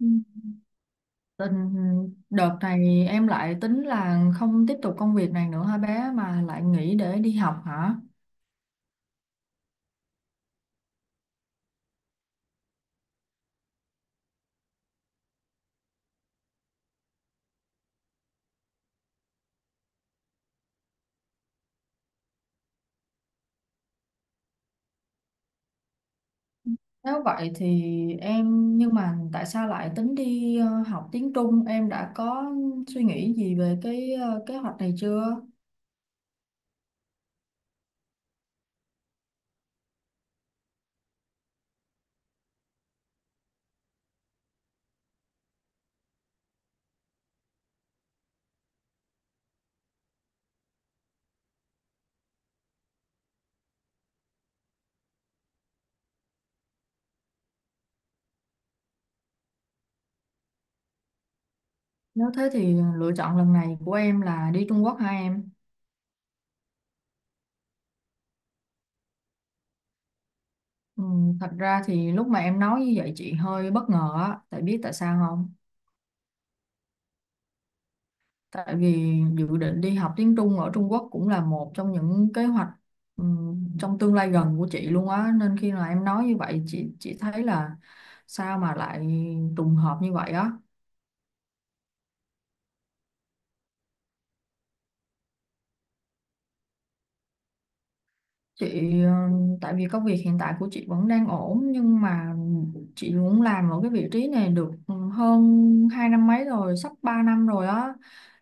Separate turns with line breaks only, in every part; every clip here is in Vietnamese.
Ừ. Tình Đợt này em lại tính là không tiếp tục công việc này nữa hả bé, mà lại nghỉ để đi học hả? Nếu vậy thì em, nhưng mà tại sao lại tính đi học tiếng Trung? Em đã có suy nghĩ gì về cái kế hoạch này chưa? Nếu thế thì lựa chọn lần này của em là đi Trung Quốc hả em? Ừ, thật ra thì lúc mà em nói như vậy chị hơi bất ngờ á, tại biết tại sao không? Tại vì dự định đi học tiếng Trung ở Trung Quốc cũng là một trong những kế hoạch trong tương lai gần của chị luôn á, nên khi mà em nói như vậy chị thấy là sao mà lại trùng hợp như vậy á. Chị tại vì công việc hiện tại của chị vẫn đang ổn, nhưng mà chị muốn làm ở cái vị trí này được hơn 2 năm mấy rồi, sắp 3 năm rồi á.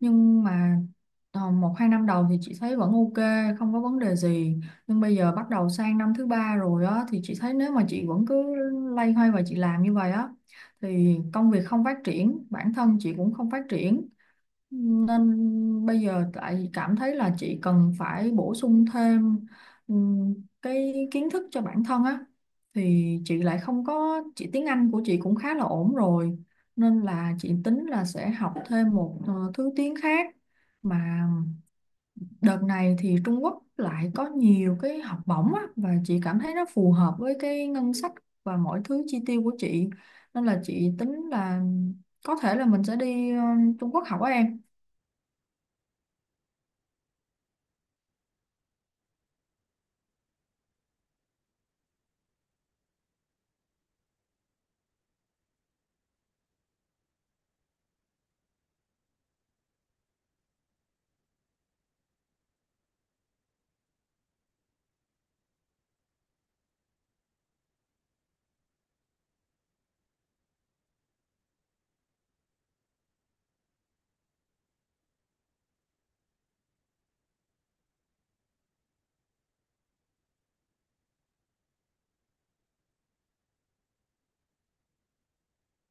Nhưng mà 1 2 năm đầu thì chị thấy vẫn ok, không có vấn đề gì. Nhưng bây giờ bắt đầu sang năm thứ 3 rồi á, thì chị thấy nếu mà chị vẫn cứ loay hoay và chị làm như vậy á thì công việc không phát triển, bản thân chị cũng không phát triển. Nên bây giờ tại cảm thấy là chị cần phải bổ sung thêm Ừm, cái kiến thức cho bản thân á, thì chị lại không có chị tiếng Anh của chị cũng khá là ổn rồi, nên là chị tính là sẽ học thêm một thứ tiếng khác, mà đợt này thì Trung Quốc lại có nhiều cái học bổng á, và chị cảm thấy nó phù hợp với cái ngân sách và mọi thứ chi tiêu của chị, nên là chị tính là có thể là mình sẽ đi Trung Quốc học á em.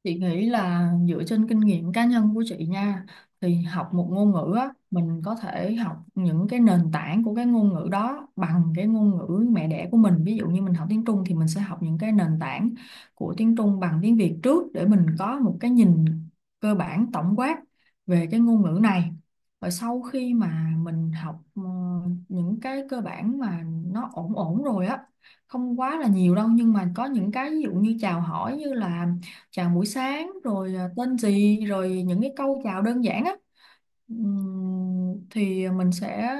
Chị nghĩ là dựa trên kinh nghiệm cá nhân của chị nha, thì học một ngôn ngữ á, mình có thể học những cái nền tảng của cái ngôn ngữ đó bằng cái ngôn ngữ mẹ đẻ của mình, ví dụ như mình học tiếng Trung thì mình sẽ học những cái nền tảng của tiếng Trung bằng tiếng Việt trước, để mình có một cái nhìn cơ bản tổng quát về cái ngôn ngữ này. Và sau khi mà mình học những cái cơ bản mà nó ổn ổn rồi á, không quá là nhiều đâu, nhưng mà có những cái ví dụ như chào hỏi, như là chào buổi sáng rồi à, tên gì rồi những cái câu chào đơn giản á. Thì mình sẽ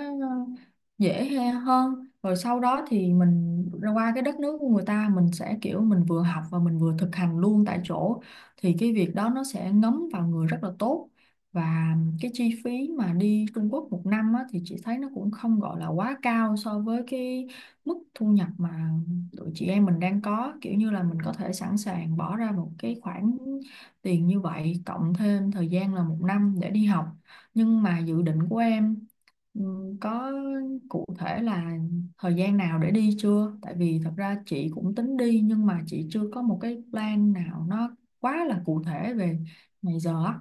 hơn, rồi sau đó thì mình ra qua cái đất nước của người ta, mình sẽ kiểu mình vừa học và mình vừa thực hành luôn tại chỗ, thì cái việc đó nó sẽ ngấm vào người rất là tốt. Và cái chi phí mà đi Trung Quốc 1 năm á, thì chị thấy nó cũng không gọi là quá cao so với cái mức thu nhập mà tụi chị em mình đang có, kiểu như là mình có thể sẵn sàng bỏ ra một cái khoản tiền như vậy cộng thêm thời gian là 1 năm để đi học. Nhưng mà dự định của em ừ, có cụ thể là thời gian nào để đi chưa? Tại vì thật ra chị cũng tính đi, nhưng mà chị chưa có một cái plan nào nó quá là cụ thể về ngày giờ á.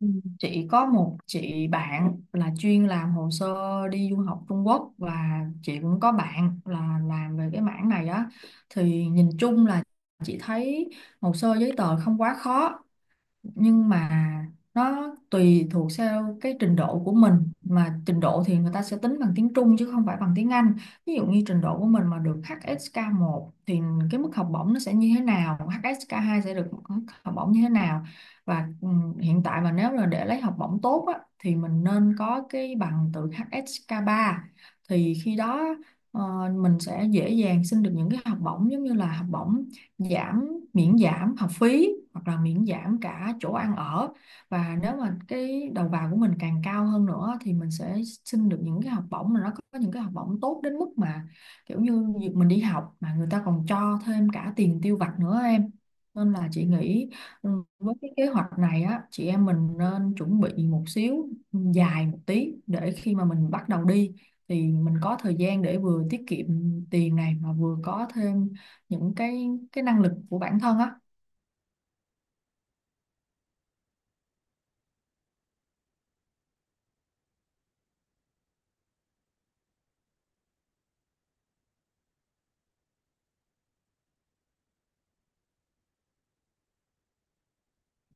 Ừ, chị có một chị bạn là chuyên làm hồ sơ đi du học Trung Quốc, và chị cũng có bạn là làm về cái mảng này á, thì nhìn chung là chị thấy hồ sơ giấy tờ không quá khó, nhưng mà nó tùy thuộc theo cái trình độ của mình. Mà trình độ thì người ta sẽ tính bằng tiếng Trung chứ không phải bằng tiếng Anh. Ví dụ như trình độ của mình mà được HSK1 thì cái mức học bổng nó sẽ như thế nào, HSK2 sẽ được mức học bổng như thế nào. Và hiện tại mà nếu là để lấy học bổng tốt á, thì mình nên có cái bằng từ HSK3, thì khi đó ờ, mình sẽ dễ dàng xin được những cái học bổng giống như là học bổng giảm miễn giảm học phí hoặc là miễn giảm cả chỗ ăn ở. Và nếu mà cái đầu vào của mình càng cao hơn nữa thì mình sẽ xin được những cái học bổng mà nó có những cái học bổng tốt đến mức mà kiểu như việc mình đi học mà người ta còn cho thêm cả tiền tiêu vặt nữa em. Nên là chị nghĩ với cái kế hoạch này á, chị em mình nên chuẩn bị một xíu dài một tí, để khi mà mình bắt đầu đi thì mình có thời gian để vừa tiết kiệm tiền này, mà vừa có thêm những cái năng lực của bản thân á.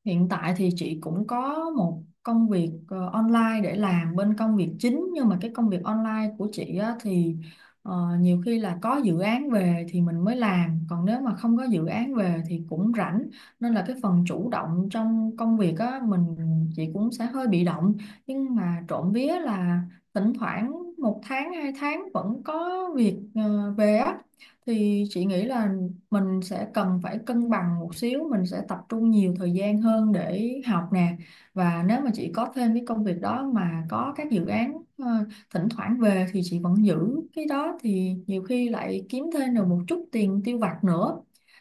Hiện tại thì chị cũng có một công việc online để làm bên công việc chính, nhưng mà cái công việc online của chị á, thì nhiều khi là có dự án về thì mình mới làm, còn nếu mà không có dự án về thì cũng rảnh. Nên là cái phần chủ động trong công việc á mình, chị cũng sẽ hơi bị động, nhưng mà trộm vía là thỉnh thoảng 1 tháng 2 tháng vẫn có việc về á, thì chị nghĩ là mình sẽ cần phải cân bằng một xíu, mình sẽ tập trung nhiều thời gian hơn để học nè. Và nếu mà chị có thêm cái công việc đó mà có các dự án thỉnh thoảng về thì chị vẫn giữ cái đó, thì nhiều khi lại kiếm thêm được một chút tiền tiêu vặt nữa.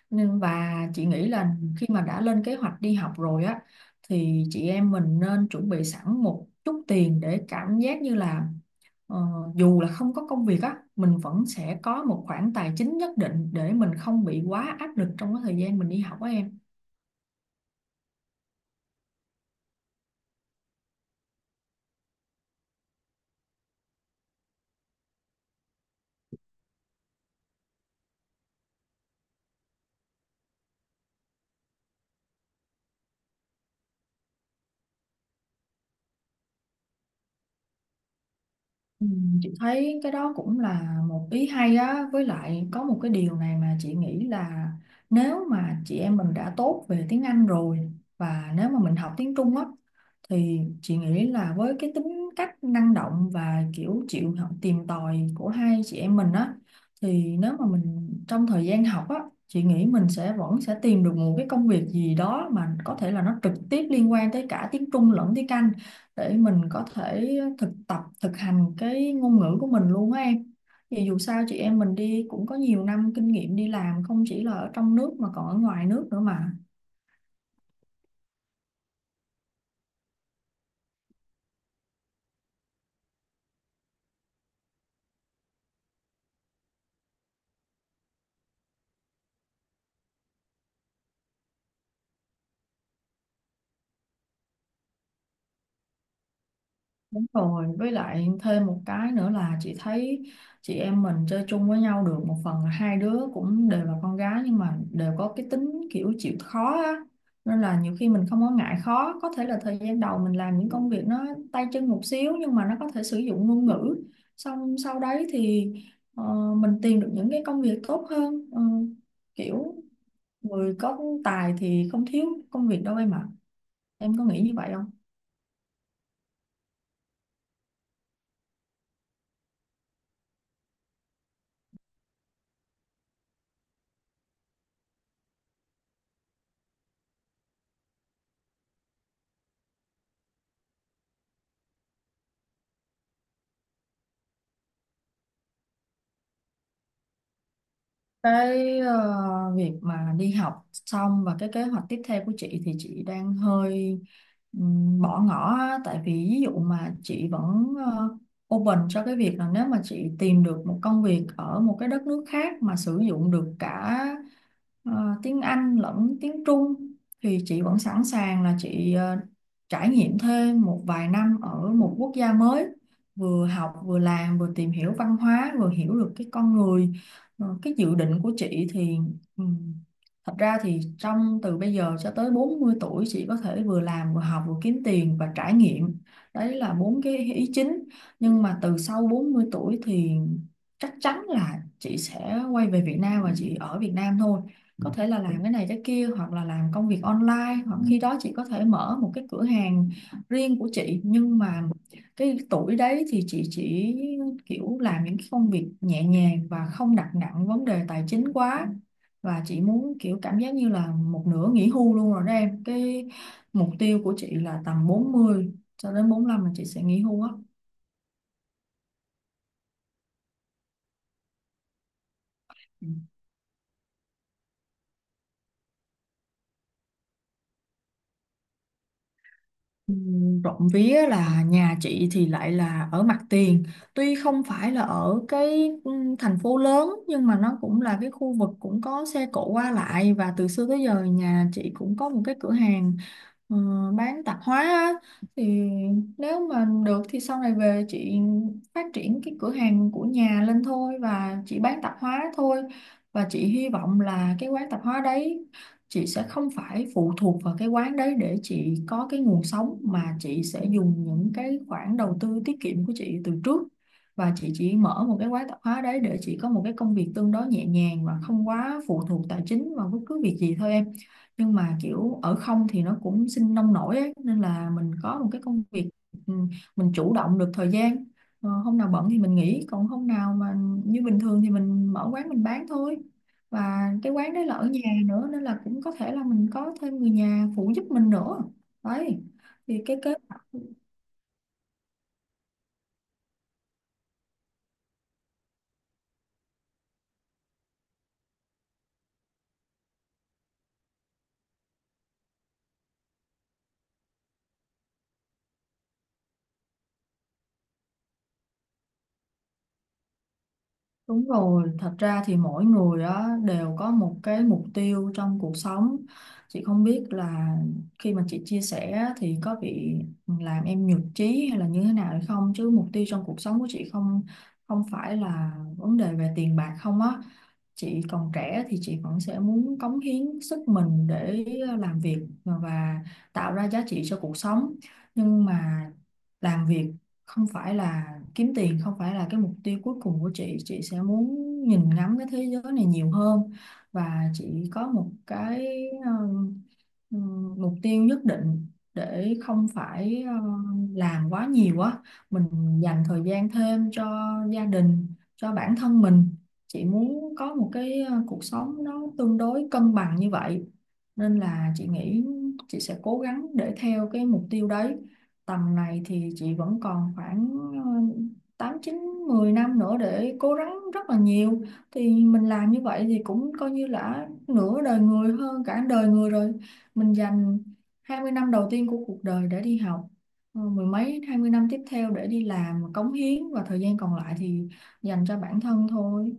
Nên và chị nghĩ là khi mà đã lên kế hoạch đi học rồi á, thì chị em mình nên chuẩn bị sẵn một chút tiền, để cảm giác như là Ờ, dù là không có công việc á, mình vẫn sẽ có một khoản tài chính nhất định để mình không bị quá áp lực trong cái thời gian mình đi học á em. Ừ, chị thấy cái đó cũng là một ý hay á, với lại có một cái điều này mà chị nghĩ là nếu mà chị em mình đã tốt về tiếng Anh rồi, và nếu mà mình học tiếng Trung á, thì chị nghĩ là với cái tính cách năng động và kiểu chịu học tìm tòi của hai chị em mình á, thì nếu mà mình trong thời gian học á, chị nghĩ mình sẽ tìm được một cái công việc gì đó mà có thể là nó trực tiếp liên quan tới cả tiếng Trung lẫn tiếng Anh, để mình có thể thực tập thực hành cái ngôn ngữ của mình luôn á em. Vì dù sao chị em mình đi cũng có nhiều năm kinh nghiệm đi làm, không chỉ là ở trong nước mà còn ở ngoài nước nữa mà. Đúng rồi, với lại thêm một cái nữa là chị thấy chị em mình chơi chung với nhau được, một phần là hai đứa cũng đều là con gái, nhưng mà đều có cái tính kiểu chịu khó á. Nên là nhiều khi mình không có ngại khó, có thể là thời gian đầu mình làm những công việc nó tay chân một xíu, nhưng mà nó có thể sử dụng ngôn ngữ. Xong sau đấy thì ờ, mình tìm được những cái công việc tốt hơn. Ờ, kiểu người có tài thì không thiếu công việc đâu em ạ. Em có nghĩ như vậy không? Cái việc mà đi học xong và cái kế hoạch tiếp theo của chị thì chị đang hơi bỏ ngỏ á. Tại vì ví dụ mà chị vẫn open cho cái việc là nếu mà chị tìm được một công việc ở một cái đất nước khác mà sử dụng được cả tiếng Anh lẫn tiếng Trung, thì chị vẫn sẵn sàng là chị trải nghiệm thêm 1 vài năm ở một quốc gia mới, vừa học vừa làm vừa tìm hiểu văn hóa vừa hiểu được cái con người. Ờ, cái dự định của chị thì ừm, thật ra thì trong từ bây giờ cho tới 40 tuổi chị có thể vừa làm vừa học vừa kiếm tiền và trải nghiệm. Đấy là 4 cái ý chính. Nhưng mà từ sau 40 tuổi thì chắc chắn là chị sẽ quay về Việt Nam và chị ở Việt Nam thôi. Có thể là làm cái này cái kia hoặc là làm công việc online, hoặc khi đó chị có thể mở một cái cửa hàng riêng của chị. Nhưng mà cái tuổi đấy thì chị chỉ kiểu làm những cái công việc nhẹ nhàng và không đặt nặng vấn đề tài chính quá, và chị muốn kiểu cảm giác như là một nửa nghỉ hưu luôn rồi đó em. Cái mục tiêu của chị là tầm 40 cho đến 45 là chị sẽ nghỉ hưu á. Ừ. Trộm vía là nhà chị thì lại là ở mặt tiền, tuy không phải là ở cái thành phố lớn nhưng mà nó cũng là cái khu vực cũng có xe cộ qua lại, và từ xưa tới giờ nhà chị cũng có một cái cửa hàng ờ, bán tạp hóa á. Thì nếu mà được thì sau này về chị phát triển cái cửa hàng của nhà lên thôi, và chị bán tạp hóa thôi. Và chị hy vọng là cái quán tạp hóa đấy chị sẽ không phải phụ thuộc vào cái quán đấy để chị có cái nguồn sống, mà chị sẽ dùng những cái khoản đầu tư tiết kiệm của chị từ trước. Và chị chỉ mở một cái quán tạp hóa đấy để chị có một cái công việc tương đối nhẹ nhàng và không quá phụ thuộc tài chính vào bất cứ việc gì thôi em. Nhưng mà kiểu ở không thì nó cũng sinh nông nổi ấy, nên là mình có một cái công việc, ừ, mình chủ động được thời gian. Hôm nào bận thì mình nghỉ, còn hôm nào mà như bình thường thì mình mở quán mình bán thôi. Và cái quán đấy là ở nhà nữa, nên là cũng có thể là mình có thêm người nhà phụ giúp mình nữa. Đấy, thì cái kế hoạch. Đúng rồi, thật ra thì mỗi người á đều có một cái mục tiêu trong cuộc sống. Chị không biết là khi mà chị chia sẻ á, thì có bị làm em nhụt chí hay là như thế nào hay không, chứ mục tiêu trong cuộc sống của chị không không phải là vấn đề về tiền bạc không á. Chị còn trẻ thì chị vẫn sẽ muốn cống hiến sức mình để làm việc và tạo ra giá trị cho cuộc sống. Nhưng mà làm việc không phải là kiếm tiền, không phải là cái mục tiêu cuối cùng của chị. Chị sẽ muốn nhìn ngắm cái thế giới này nhiều hơn, và chị có một cái mục tiêu nhất định để không phải làm quá nhiều, quá mình dành thời gian thêm cho gia đình, cho bản thân mình. Chị muốn có một cái cuộc sống nó tương đối cân bằng như vậy, nên là chị nghĩ chị sẽ cố gắng để theo cái mục tiêu đấy. Tầm này thì chị vẫn còn khoảng ờ, tám chín 10 năm nữa để cố gắng rất là nhiều. Thì mình làm như vậy thì cũng coi như là nửa đời người, hơn cả đời người rồi. Mình dành 20 năm đầu tiên của cuộc đời để đi học, mười mấy 20 năm tiếp theo để đi làm cống hiến, và thời gian còn lại thì dành cho bản thân thôi.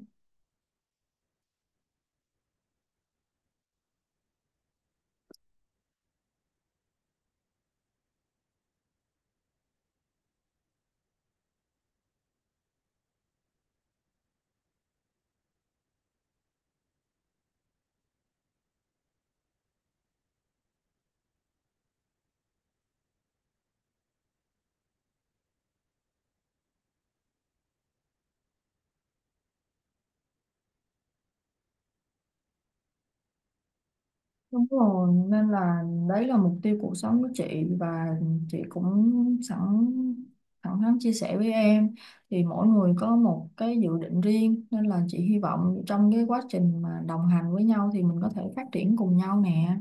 Đúng rồi, nên là đấy là mục tiêu cuộc sống của chị. Và chị cũng sẵn, thẳng thắn chia sẻ với em thì mỗi người có một cái dự định riêng, nên là chị hy vọng trong cái quá trình mà đồng hành với nhau thì mình có thể phát triển cùng nhau nè.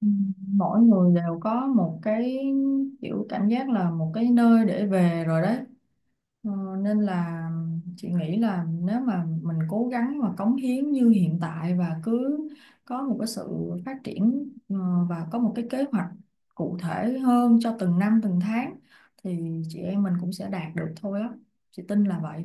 Ừ, mỗi người đều có một cái kiểu cảm giác là một cái nơi để về rồi đấy. Ờ, nên là chị nghĩ là nếu mà mình cố gắng và cống hiến như hiện tại và cứ có một cái sự phát triển, và có một cái kế hoạch cụ thể hơn cho từng năm từng tháng, thì chị em mình cũng sẽ đạt được thôi á, chị tin là vậy.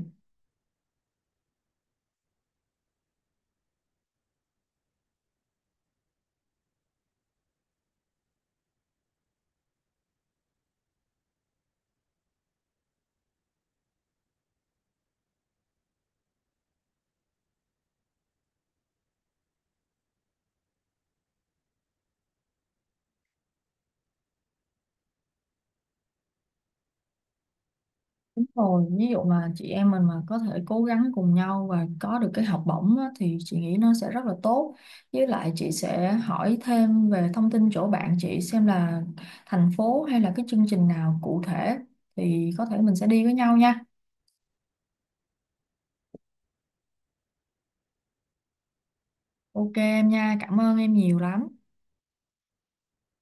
Đúng rồi, ví dụ mà chị em mình mà có thể cố gắng cùng nhau và có được cái học bổng á, thì chị nghĩ nó sẽ rất là tốt. Với lại chị sẽ hỏi thêm về thông tin chỗ bạn chị xem là thành phố hay là cái chương trình nào cụ thể thì có thể mình sẽ đi với nhau nha. Ok em nha, cảm ơn em nhiều lắm.